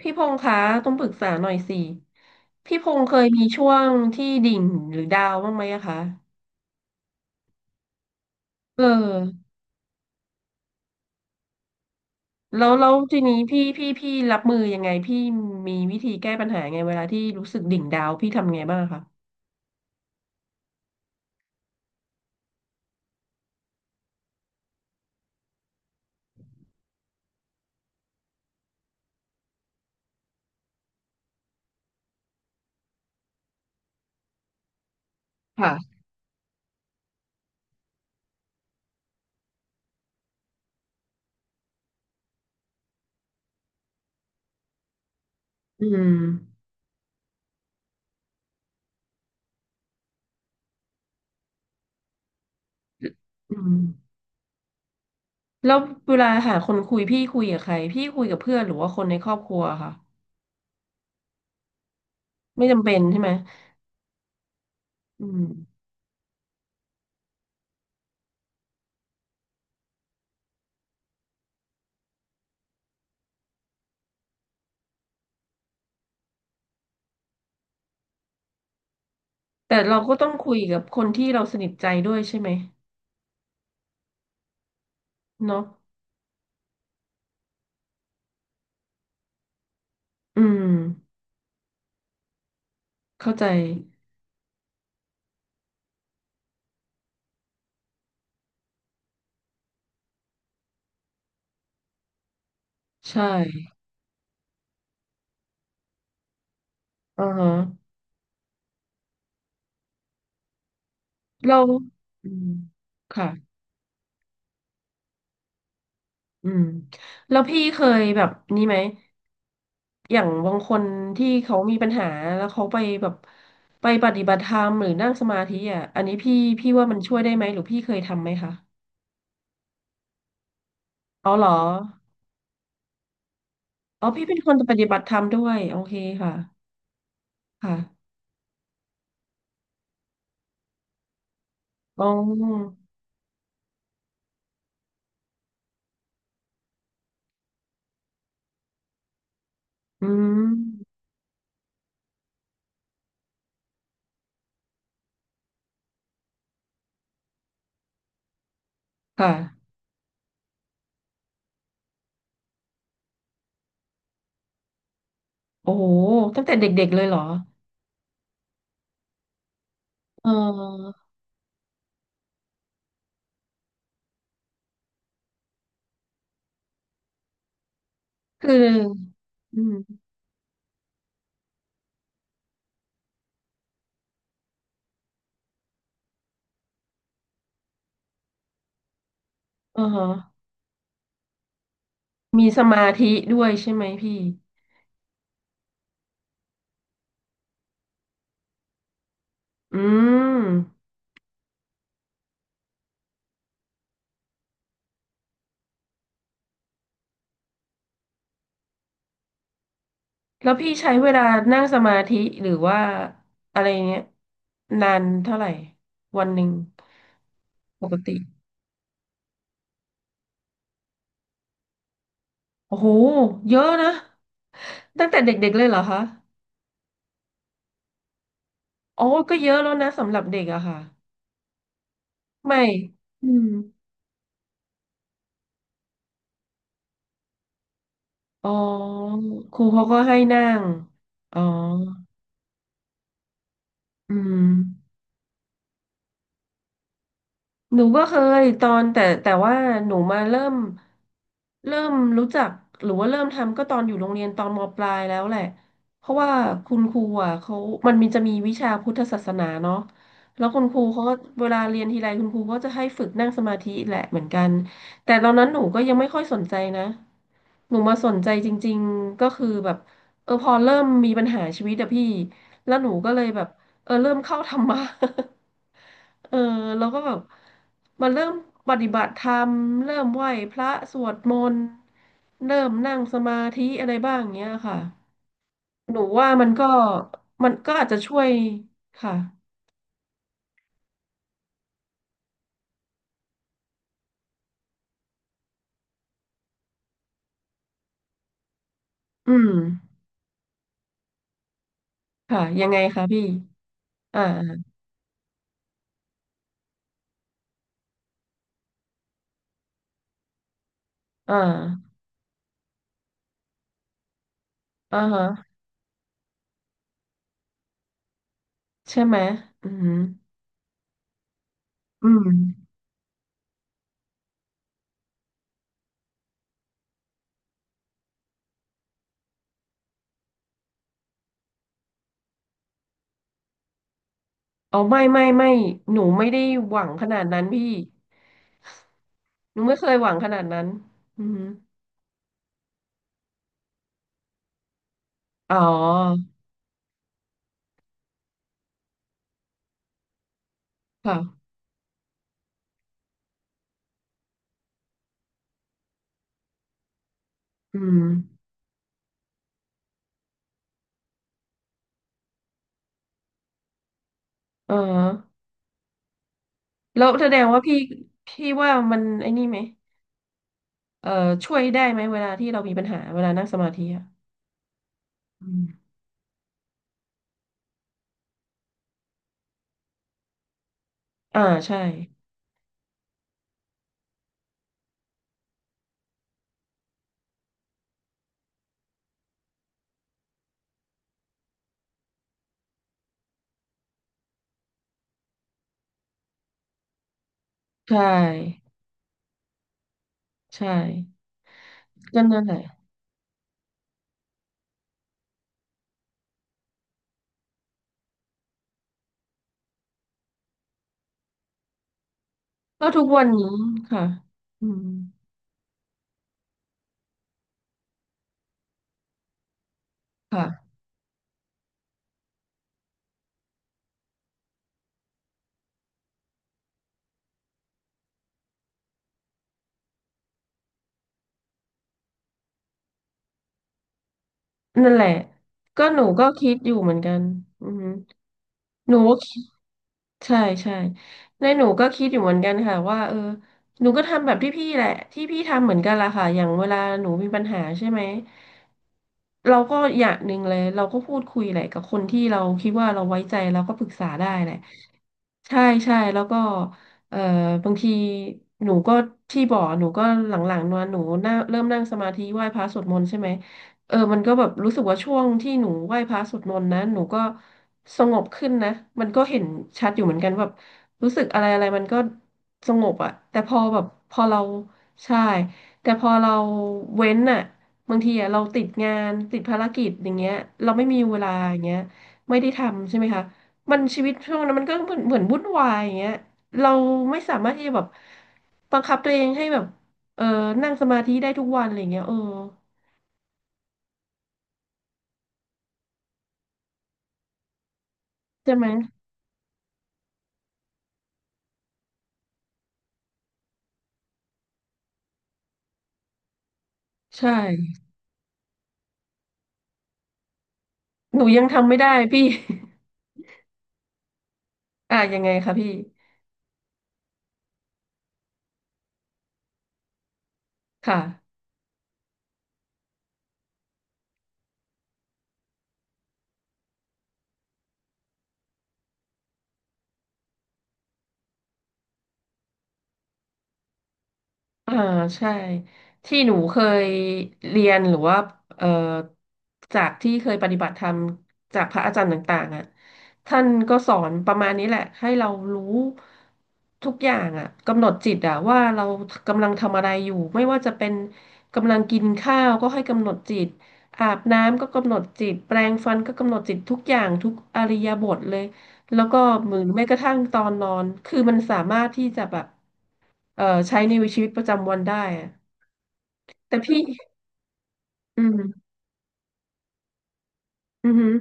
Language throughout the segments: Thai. พี่พงษ์คะต้องปรึกษาหน่อยสิพี่พงษ์เคยมีช่วงที่ดิ่งหรือดาวน์บ้างไหมอะคะเออแล้วทีนี้พี่รับมือยังไงพี่มีวิธีแก้ปัญหาไงเวลาที่รู้สึกดิ่งดาวน์พี่ทำไงบ้างคะค่ะอืมอืมแล้วเวลาหาคนคุยพี่คุยกับใครพี่คุยกับเพื่อนหรือว่าคนในครอบครัวค่ะไม่จำเป็นใช่ไหมอืมแต่เราก็ต้องคุยกับคนที่เราสนิทใจด้วยใช่ไหมเนาะอืมเข้าใจใช่ อือฮะเราอืมค่ะอืมแล้วพี่เคยแบบนี้ไหมอย่างบางคนที่เขามีปัญหาแล้วเขาไปแบบไปปฏิบัติธรรมหรือนั่งสมาธิอ่ะอันนี้พี่ว่ามันช่วยได้ไหมหรือพี่เคยทำไหมคะอ๋อเหรออ๋อพี่เป็นคนปฏิบัติธรรมด้วยโอเคค่ะค่ะอ๋ออืมค่ะโอ้โหตั้งแต่เด็กๆเลยเหรอเออคืออืมอ๋อฮะมีสมาธิด้วยใช่ไหมพี่ อืมแล้วพี่ใช้เวลานั่งสมาธิหรือว่าอะไรเงี้ยนานเท่าไหร่วันหนึ่งปกติโอ้โหเยอะนะตั้งแต่เด็กๆเลยเหรอคะอ๋อก็เยอะแล้วนะสำหรับเด็กอะค่ะไม่อืมอ๋อครูเขาก็ให้นั่งอ๋ออืม หนูก็เคยตอนแต่ว่าหนูมาเริ่มเริ่มรู้จักหรือว่าเริ่มทำก็ตอนอยู่โรงเรียนตอนมปลายแล้วแหละเพราะว่าคุณครูอ่ะเขามันมีจะมีวิชาพุทธศาสนาเนาะแล้วคุณครูเขาก็เวลาเรียนทีไรคุณครูก็จะให้ฝึกนั่งสมาธิแหละเหมือนกันแต่ตอนนั้นหนูก็ยังไม่ค่อยสนใจนะหนูมาสนใจจริงๆก็คือแบบเออพอเริ่มมีปัญหาชีวิตอะพี่แล้วหนูก็เลยแบบ เออเริ่มเข้าธรรมะ เออแล้วก็แบบมาเริ่มปฏิบัติธรรมเริ่มไหว้พระสวดมนต์เริ่มนั่งสมาธิอะไรบ้างเงี้ยค่ะหนูว่ามันก็มันก็อาจจะช่วยค่ะอืมค่ะยังไงคะพี่อ่าอ่าอ่าฮะใช่ไหมอืมอืมเอาไม่หนูไม่ได้หวังขนาดนั้นพี่หนูไม่เคยหวังขนาดนั้นอืมอ๋อค่ะอืม เออแล้วแสดงว่าพี่พี่ว่ามันไอ้นี่ไหมเออช่วยได้ไหมเวลาที่เรามีปัญหาเวลานั่งสมาธิอ่ะอืมอ่าใช่ใช่ใช่ก็นั่นแหละก็ทุกวันนี้ค่ะอืมค่ะนั่นแหละก็หนูก็คิดอยู่เหมือนกันอือหอหนูก็ ใช่ใช่ในหนูก็คิดอยู่เหมือนกันค่ะว่าเออหนูก็ทำแบบที่พี่แหละที่พี่ทำเหมือนกันละค่ะอย่างเวลาหนูมีปัญหาใช่ไหมเราก็อย่างหนึ่งเลยเราก็พูดคุยแหละกับคนที่เราคิดว่าเราไว้ใจเราก็ปรึกษาได้แหละใช่ใช่แล้วก็เอ่อบางทีหนูก็ที่บ่อกหนูก็หลังๆนอนหนูน่าเริ่มนั่งสมาธิไหว้พระสวดมนต์ใช่ไหมเออมันก็แบบรู้สึกว่าช่วงที่หนูไหว้พระสวดมนต์นั้นหนูก็ สงบขึ้นนะมันก็เห็นชัดอยู่เหมือนกันแบบรู้สึกอะไรอะไรมันก็สงบอะแต่พอแบบพอเราใช่แต่พอเราเว้นอะบางทีอะเราติดงานติดภารกิจอย่างเงี้ยเราไม่มีเวลาอย่างเงี้ยไม่ได้ทำใช่ไหมคะมันชีวิตช่วงนั้นมันก็เหมือนเหมือนวุ่นวายอย่างเงี้ยเราไม่สามารถที่จะแบบบังคับตัวเองให้แบบเออนั่งสมาธิได้ทุกวันอะไรอย่างเงี้ยเออใช่ไหมใช่หนูยังทำไม่ได้พี่ อ่ะยังไงคะพี่ ค่ะอ่าใช่ ที่หนูเคยเรียน หรือว่าเอ่อจากที่เคยปฏิบัติธรรมจากพระอาจารย์ต่างๆอ่ะท่านก็สอนประมาณนี้แหละ ให้เรารู้ทุกอย่างอ่ะกำหนดจิตอ่ะว่าเรากำลังทำอะไรอยู่ ไม่ว่าจะเป็นกำลังกินข้าวก็ให้กำหนดจิต อาบน้ำก็กำหนดจิตแปรงฟันก็กำหนดจิตทุกอย่างทุกอิริยาบถเลยแล้วก็หรือแม้กระทั่งตอนนอนคือมันสามารถที่จะแบบ ใช้ในชีวิตประจำวันได้อะแต่พี่อืมอืออ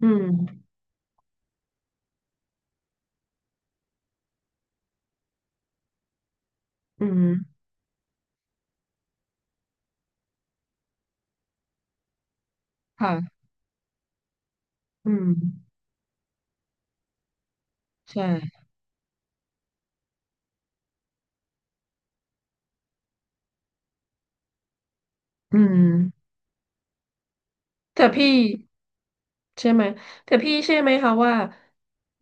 อืมอืมค่ะอืมใช่อืมแต่พี่ ใช่ไหมแต่พี่เชื่อไหมคะว่า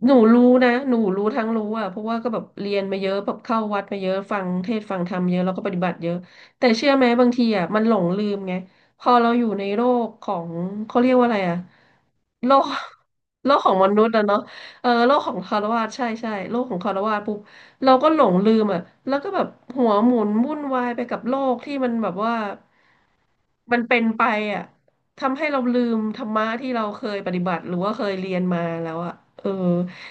หนูรู้นะหนูรู้ทั้งรู้อ่ะเพราะว่าก็แบบเรียนมาเยอะแบบเข้าวัดมาเยอะฟังเทศน์ฟังธรรมเยอะแล้วก็ปฏิบัติเยอะแต่เชื่อไหมบางทีอ่ะมันหลงลืมไงพอเราอยู่ในโลกของเขาเรียกว่าอะไรอ่ะโลก โลกของมนุษย์อะเนาะเออโลกของคารวาสใช่ใช่โลกของคารวาสปุ๊บเราก็หลงลืมอ่ะแล้วก็แบบหัวหมุนวุ่นวายไปกับโลกที่มันแบบว่ามันเป็นไปอ่ะ ทำให้เราลืมธรรมะที่เราเคยปฏิบัติหรือว่าเคยเรียนมาแล้วอะเออ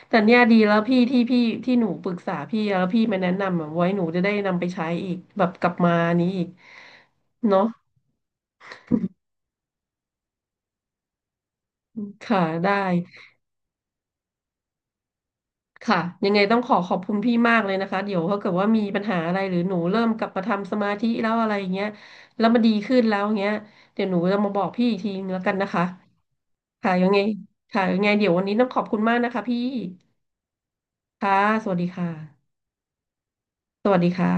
แต่เนี่ยดีแล้วพี่ที่พี่ที่หนูปรึกษาพี่อะแล้วพี่มาแนะนำอะไว้หนูจะได้นำไปใช้อีกแบบกลับมานี้อีกเนาะค่ะได้ค่ะยังไงต้องขอขอบคุณพี่มากเลยนะคะเดี๋ยวถ้าเกิดว่ามีปัญหาอะไรหรือหนูเริ่มกลับมาทำสมาธิแล้วอะไรอย่างเงี้ยแล้วมันดีขึ้นแล้วอย่างเงี้ยเดี๋ยวหนูจะมาบอกพี่อีกทีนึงแล้วกันนะคะค่ะยังไงค่ะยังไงเดี๋ยววันนี้ต้องขอบคุณมากนะคะพี่ค่ะสวัสดีค่ะ สวัสดีค่ะ